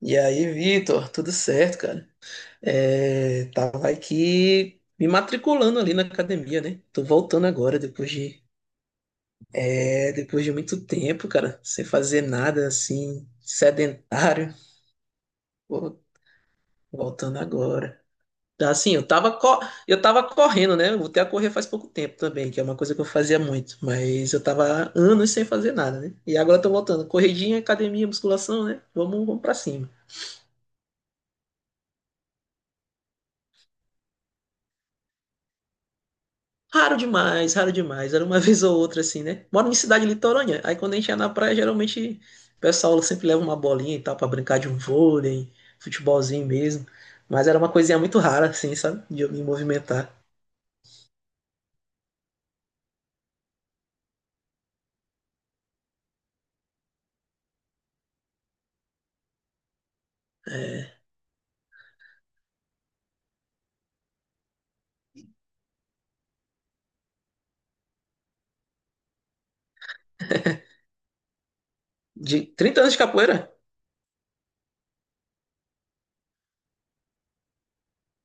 E aí, Vitor, tudo certo, cara? É, tava aqui me matriculando ali na academia, né? Tô voltando agora, depois de muito tempo, cara, sem fazer nada assim, sedentário. Pô, voltando agora. Tá. Assim, eu tava correndo, né? Eu voltei a correr faz pouco tempo também, que é uma coisa que eu fazia muito, mas eu tava anos sem fazer nada, né? E agora eu tô voltando. Corridinha, academia, musculação, né? Vamos, vamos pra cima. Raro demais, raro demais. Era uma vez ou outra, assim, né? Moro em cidade litorânea. Aí quando a gente ia na praia, geralmente o pessoal sempre leva uma bolinha e tal pra brincar de um vôlei, futebolzinho mesmo. Mas era uma coisinha muito rara, assim, sabe? De eu me movimentar. De 30 anos de capoeira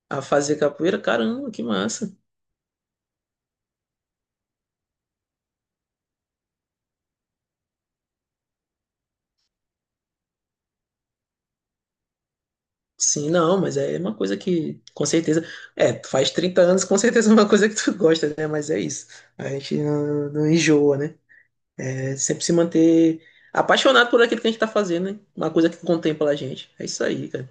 a fazer capoeira, caramba, que massa. Sim, não, mas é uma coisa que, com certeza. É, tu faz 30 anos, com certeza é uma coisa que tu gosta, né? Mas é isso. A gente não enjoa, né? É sempre se manter apaixonado por aquilo que a gente tá fazendo, né? Uma coisa que contempla a gente. É isso aí, cara.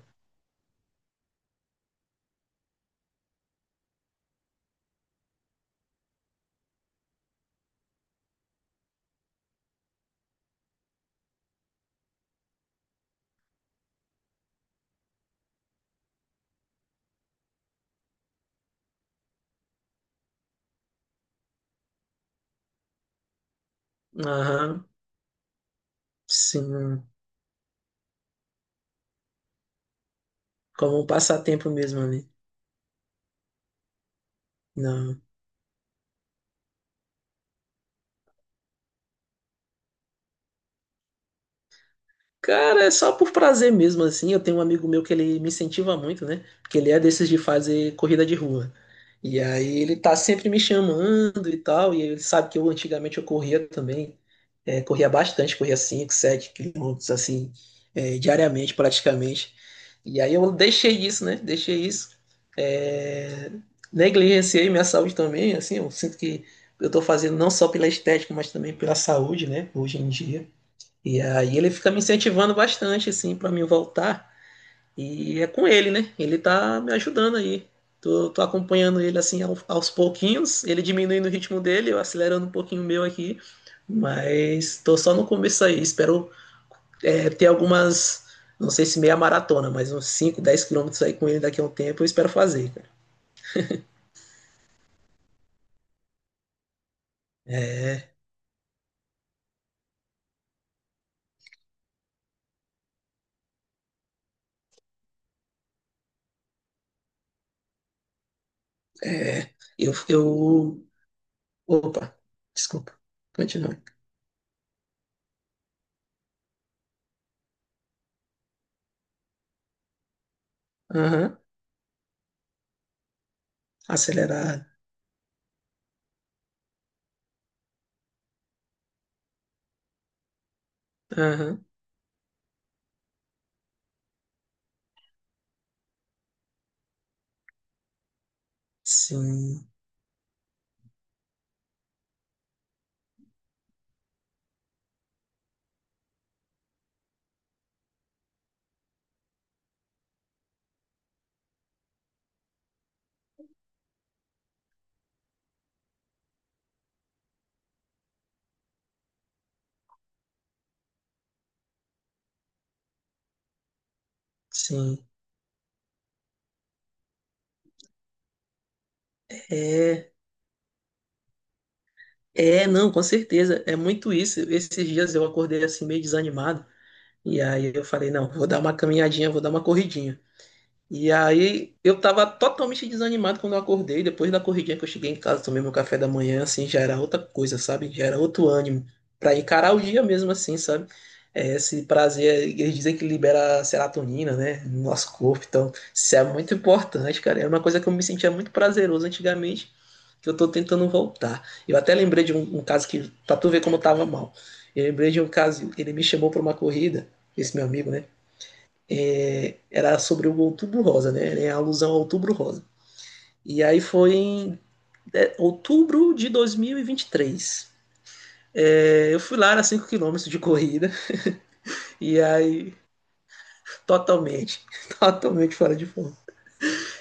Aham, sim. Como um passatempo mesmo ali. Não. Cara, é só por prazer mesmo, assim. Eu tenho um amigo meu que ele me incentiva muito, né? Porque ele é desses de fazer corrida de rua. E aí ele tá sempre me chamando e tal, e ele sabe que eu antigamente eu corria também, corria bastante, corria 5 7 quilômetros, assim, diariamente praticamente. E aí eu deixei isso, né? Deixei isso. É, negligenciei minha saúde também, assim, eu sinto que eu tô fazendo não só pela estética, mas também pela saúde, né? Hoje em dia. E aí ele fica me incentivando bastante, assim, para mim voltar. E é com ele, né? Ele tá me ajudando aí. Tô acompanhando ele assim aos pouquinhos, ele diminuindo o ritmo dele, eu acelerando um pouquinho o meu aqui. Mas tô só no começo aí. Espero ter algumas, não sei se meia maratona, mas uns cinco, dez quilômetros aí com ele daqui a um tempo. Eu espero fazer, cara. É, eu, eu. Opa, desculpa. Continua. Aham, acelerado. Aham, sim, sim. É. É, não, com certeza. É muito isso. Esses dias eu acordei assim meio desanimado. E aí eu falei, não, vou dar uma caminhadinha, vou dar uma corridinha. E aí eu tava totalmente desanimado quando eu acordei. Depois da corridinha que eu cheguei em casa, tomei meu café da manhã, assim, já era outra coisa, sabe? Já era outro ânimo pra encarar o dia mesmo, assim, sabe? É, esse prazer, eles dizem que libera serotonina, né, no nosso corpo. Então, isso é muito importante, cara. É uma coisa que eu me sentia muito prazeroso antigamente, que eu tô tentando voltar. Eu até lembrei de um caso que, pra tu ver como eu tava mal. Eu lembrei de um caso, ele me chamou pra uma corrida, esse meu amigo, né? Era sobre o Outubro Rosa, né? Era alusão ao Outubro Rosa. E aí foi em outubro de 2023. É, eu fui lá, era cinco quilômetros de corrida, e aí totalmente, totalmente fora de forma.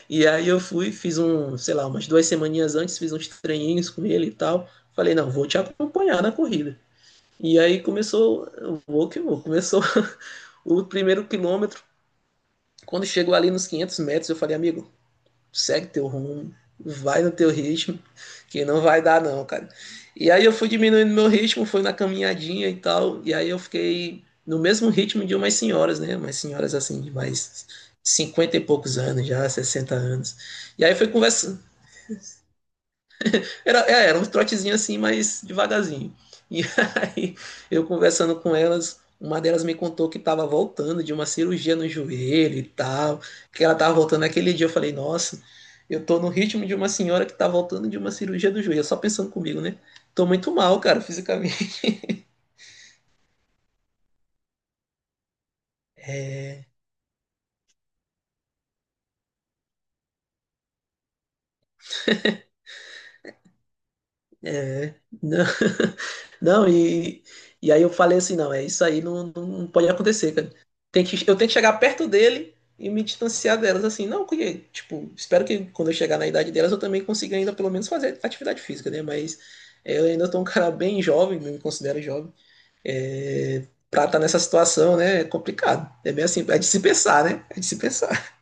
E aí eu fui, fiz um, sei lá, umas duas semaninhas antes, fiz uns treininhos com ele e tal. Falei, não, vou te acompanhar na corrida. E aí começou, vou que vou, começou o primeiro quilômetro. Quando chegou ali nos 500 metros, eu falei, amigo, segue teu rumo, vai no teu ritmo, que não vai dar não, cara. E aí eu fui diminuindo meu ritmo, fui na caminhadinha e tal, e aí eu fiquei no mesmo ritmo de umas senhoras, né? Umas senhoras assim, de mais 50 e poucos anos já, 60 anos. E aí foi conversa, era uns trotezinhos assim, mas devagarzinho. E aí, eu conversando com elas, uma delas me contou que estava voltando de uma cirurgia no joelho e tal, que ela estava voltando naquele dia. Eu falei, nossa, eu tô no ritmo de uma senhora que tá voltando de uma cirurgia do joelho, só pensando comigo, né? Tô muito mal, cara, fisicamente. É, não. Não, e, e aí eu falei assim, não, é isso aí, não pode acontecer, cara. Tem que, eu tenho que chegar perto dele e me distanciar delas, assim, não, porque, tipo, espero que quando eu chegar na idade delas eu também consiga ainda pelo menos fazer atividade física, né? Mas eu ainda tô um cara bem jovem, me considero jovem, pra estar nessa situação, né? É complicado. É bem assim, é de se pensar, né? É de se pensar.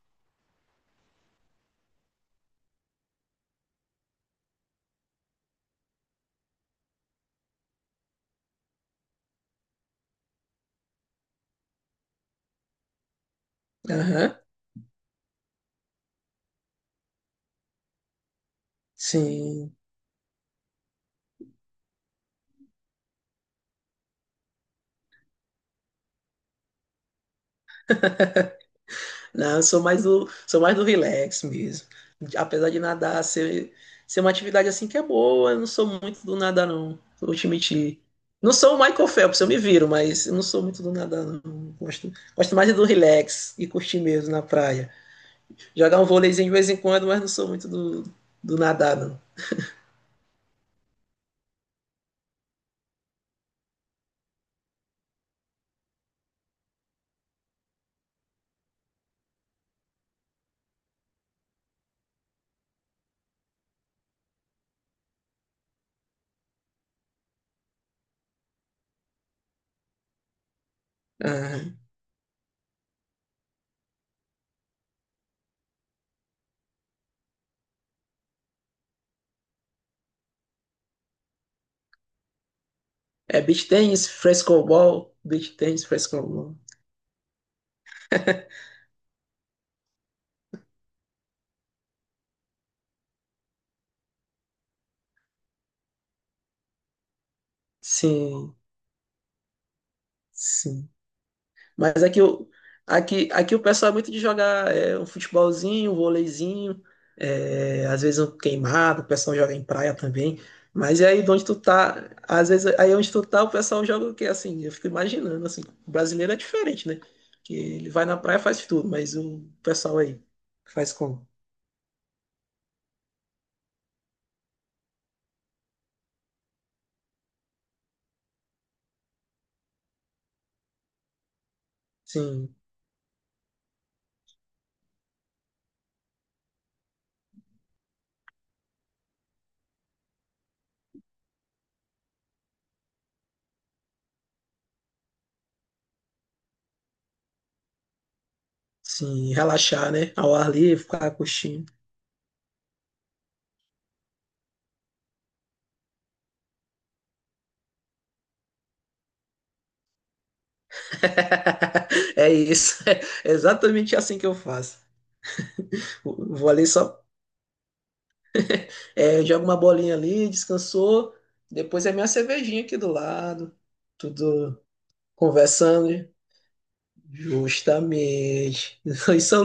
Aham, sim. Não, eu sou mais sou mais do relax mesmo. Apesar de nadar ser uma atividade assim que é boa, eu não sou muito do nadar, não. Vou te mentir. Não sou o Michael Phelps, eu me viro, mas eu não sou muito do nadar, não. Gosto, gosto mais do relax e curtir mesmo na praia. Jogar um vôleizinho de vez em quando, mas não sou muito do nadar, não. Aham. É beach tennis, frescobol, beach tennis, frescobol. Sim, sim. Mas aqui, o- aqui, aqui o pessoal é muito de jogar é, um futebolzinho, um vôleizinho, é, às vezes um queimado, o pessoal joga em praia também. Mas é aí de onde tu tá, às vezes aí onde tu tá, o pessoal joga o quê? Assim, eu fico imaginando, assim, o brasileiro é diferente, né? Que ele vai na praia e faz tudo, mas o pessoal aí faz como? Sim, sim, relaxar, né? Ao ar livre, ficar curtindo. É isso, é exatamente assim que eu faço. Vou ali só É, joga uma bolinha ali, descansou. Depois é minha cervejinha aqui do lado. Tudo conversando, né? Justamente. Isso é um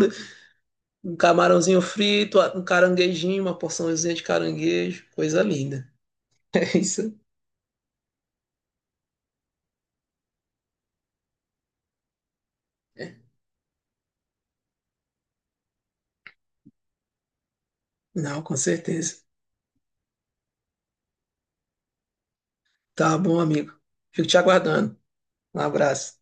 Um camarãozinho frito, um caranguejinho, uma porçãozinha de caranguejo. Coisa linda. É isso? Não, com certeza. Tá bom, amigo. Fico te aguardando. Um abraço.